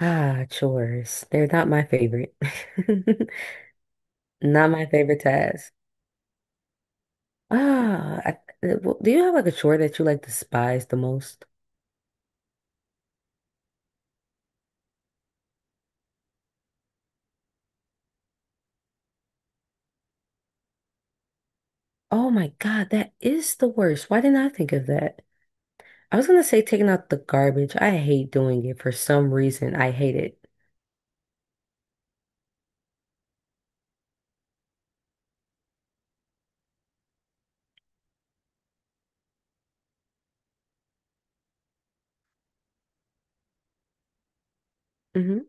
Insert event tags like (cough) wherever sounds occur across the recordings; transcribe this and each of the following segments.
Ah, chores. They're not my favorite. (laughs) Not my favorite task. Ah, I, do you have like a chore that you like despise the most? Oh my God, that is the worst. Why didn't I think of that? I was gonna say taking out the garbage. I hate doing it for some reason. I hate it. Hmm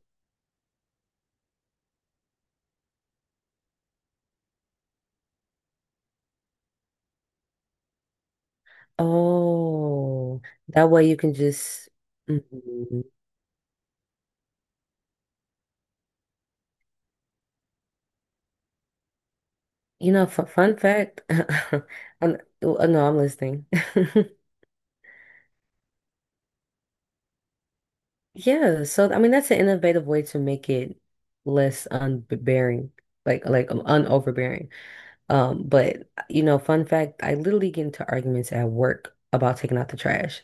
Oh, that way you can just. Mhm. You know, fun fact. (laughs) Oh no, I'm listening. (laughs) Yeah, so I mean that's an innovative way to make it less unbearing, like unoverbearing. But you know, fun fact, I literally get into arguments at work about taking out the trash.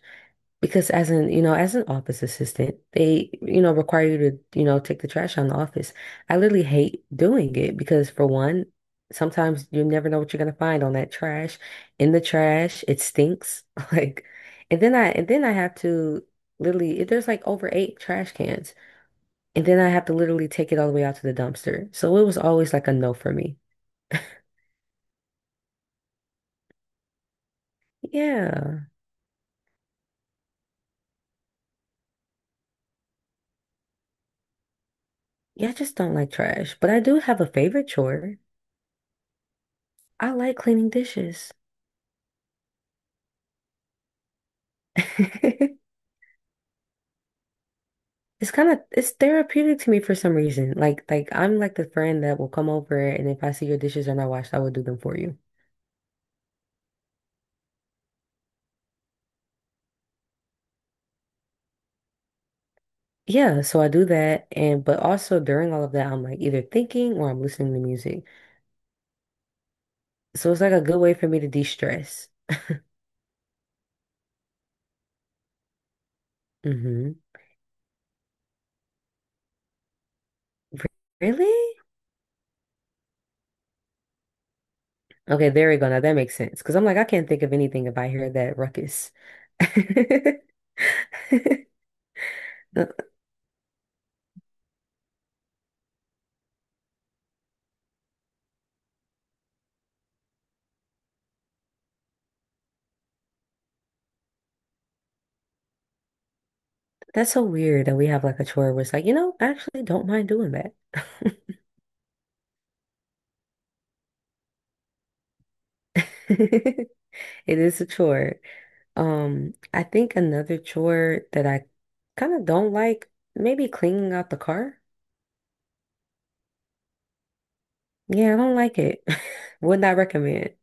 Because as an, you know, as an office assistant, they, you know, require you to, you know, take the trash out of the office. I literally hate doing it because for one, sometimes you never know what you're gonna find on that trash. In the trash, it stinks. (laughs) Like, and then I have to literally, there's like over eight trash cans, and then I have to literally take it all the way out to the dumpster. So it was always like a no for me. Yeah. Yeah, I just don't like trash. But I do have a favorite chore. I like cleaning dishes. (laughs) It's kind of it's therapeutic to me for some reason. Like I'm like the friend that will come over, and if I see your dishes are not washed, I will do them for you. Yeah, so I do that, and but also during all of that I'm like either thinking or I'm listening to music. So it's like a good way for me to de-stress. Hmm Really? Okay, there we go. Now that makes sense. Because I'm like, I can't think of anything if I hear that ruckus. (laughs) Th- That's so weird that we have like a chore where it's like, you know, I actually don't mind doing that. (laughs) It is a chore. I think another chore that I kind of don't like, maybe cleaning out the car. Yeah, I don't like it. (laughs) Would not recommend.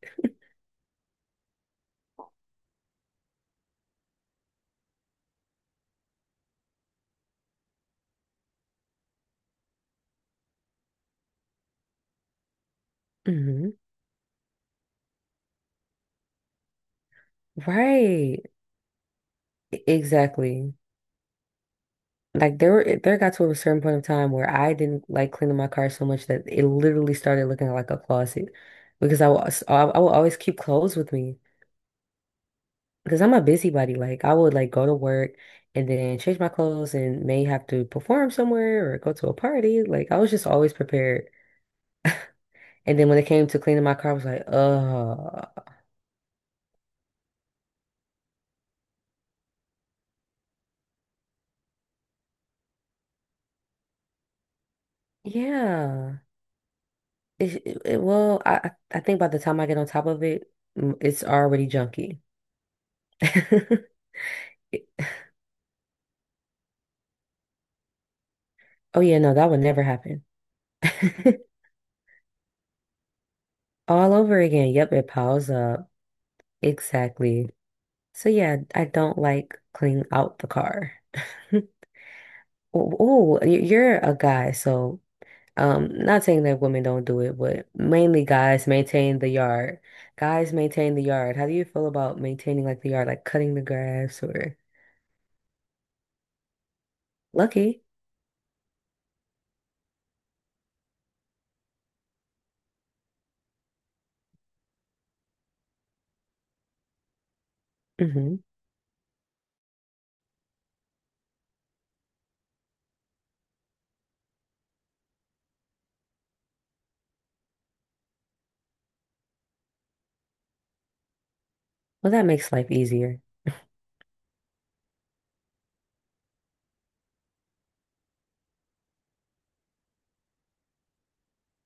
Hmm Right. Exactly. Like there got to a certain point of time where I didn't like cleaning my car so much that it literally started looking like a closet, because I was I would always keep clothes with me because I'm a busybody. Like I would like go to work and then change my clothes and may have to perform somewhere or go to a party. Like I was just always prepared. And then when it came to cleaning my car, I was like, yeah. Well, I think by the time I get on top of it, it's already junky. (laughs) Oh yeah, no, that would never happen. (laughs) All over again. Yep, it piles up. Exactly. So yeah, I don't like cleaning out the car. (laughs) Oh, you're a guy, so. Not saying that women don't do it, but mainly guys maintain the yard. Guys maintain the yard. How do you feel about maintaining like the yard, like cutting the grass or lucky? Mm-hmm. Well, that makes life easier.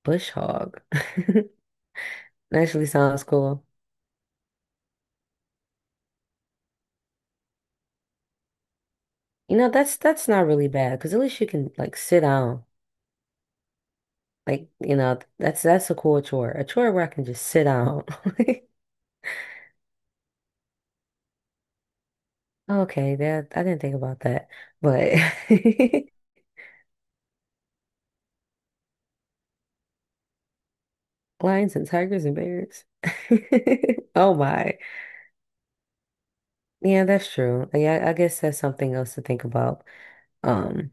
Bush hog. (laughs) Naturally sounds cool. You know, that's not really bad because at least you can like sit down. Like, you know, that's a cool chore. A chore where I can just sit down. (laughs) Okay, that I didn't think about that, but (laughs) lions and tigers and bears. (laughs) Oh my. Yeah, that's true. Yeah, I guess that's something else to think about. Um,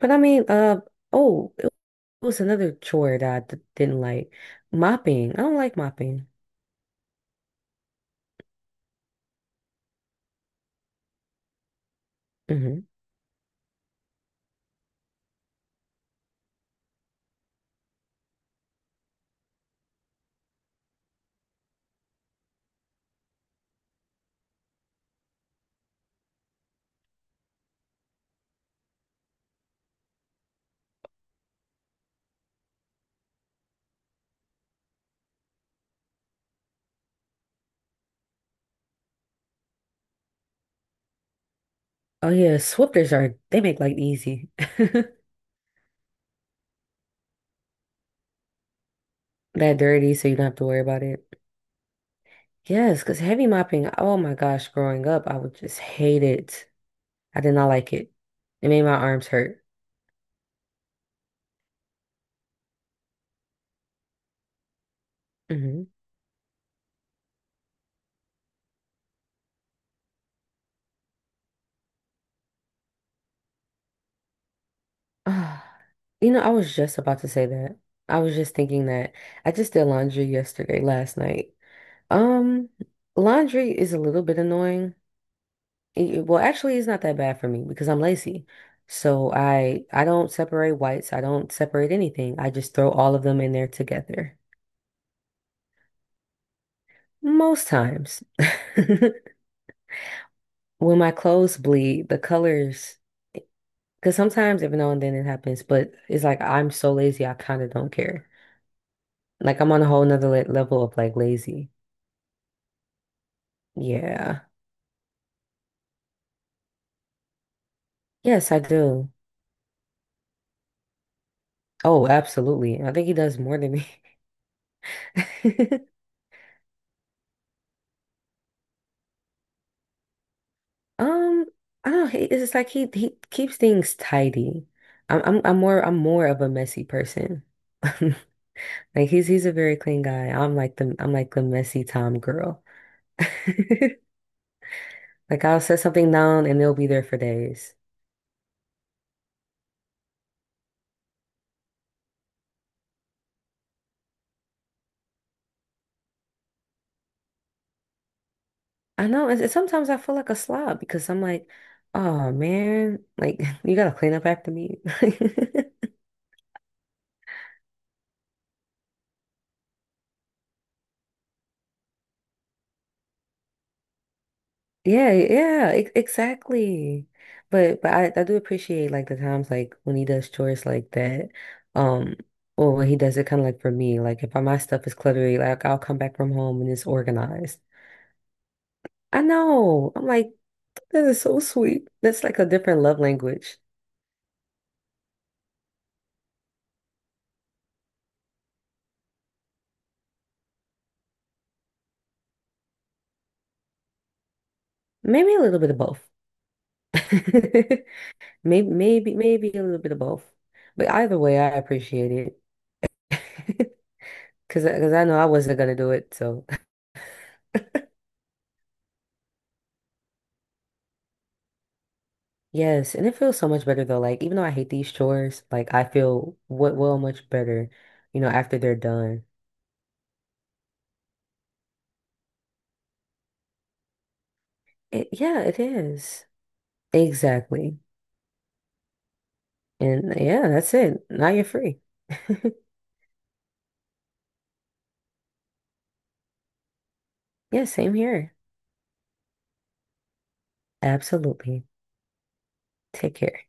but I mean, oh, it was another chore that I d didn't like. Mopping. I don't like mopping. Hmm Oh yeah, sweepers are they make life easy. (laughs) That dirty, so you don't have to worry about it. Yes, because heavy mopping, oh my gosh, growing up, I would just hate it. I did not like it. It made my arms hurt. Mhm. Ah, you know, I was just about to say that. I was just thinking that I just did laundry yesterday, last night. Um, laundry is a little bit annoying. Actually, it's not that bad for me because I'm lazy. So I don't separate whites. I don't separate anything. I just throw all of them in there together. Most times. (laughs) When my clothes bleed, the colors, because sometimes every now and then it happens, but it's like I'm so lazy, I kind of don't care. Like I'm on a whole nother le level of like lazy. Yeah. Yes, I do. Oh, absolutely. I think he does more than me. (laughs) Um, I don't. It's just like he keeps things tidy. I'm more of a messy person. (laughs) Like he's a very clean guy. I'm like the messy Tom girl. (laughs) Like I'll set something down and it'll be there for days. I know. And sometimes I feel like a slob because I'm like, oh man, like (laughs) you gotta clean up after me. (laughs) Yeah, yeah, ex exactly. But I do appreciate like the times like when he does chores like that. Um or when he does it kind of like for me, like if my stuff is cluttery, like I'll come back from home and it's organized. I know. I'm like, that is so sweet. That's like a different love language. Maybe a little bit of both. (laughs) Maybe a little bit of both. But either way, I appreciate it. (laughs) Cause, cause I know I wasn't gonna do it, so. Yes, and it feels so much better though. Like even though I hate these chores, like I feel what well much better, you know, after they're done. It, yeah, it is. Exactly. And yeah, that's it. Now you're free. (laughs) Yeah, same here. Absolutely. Take care.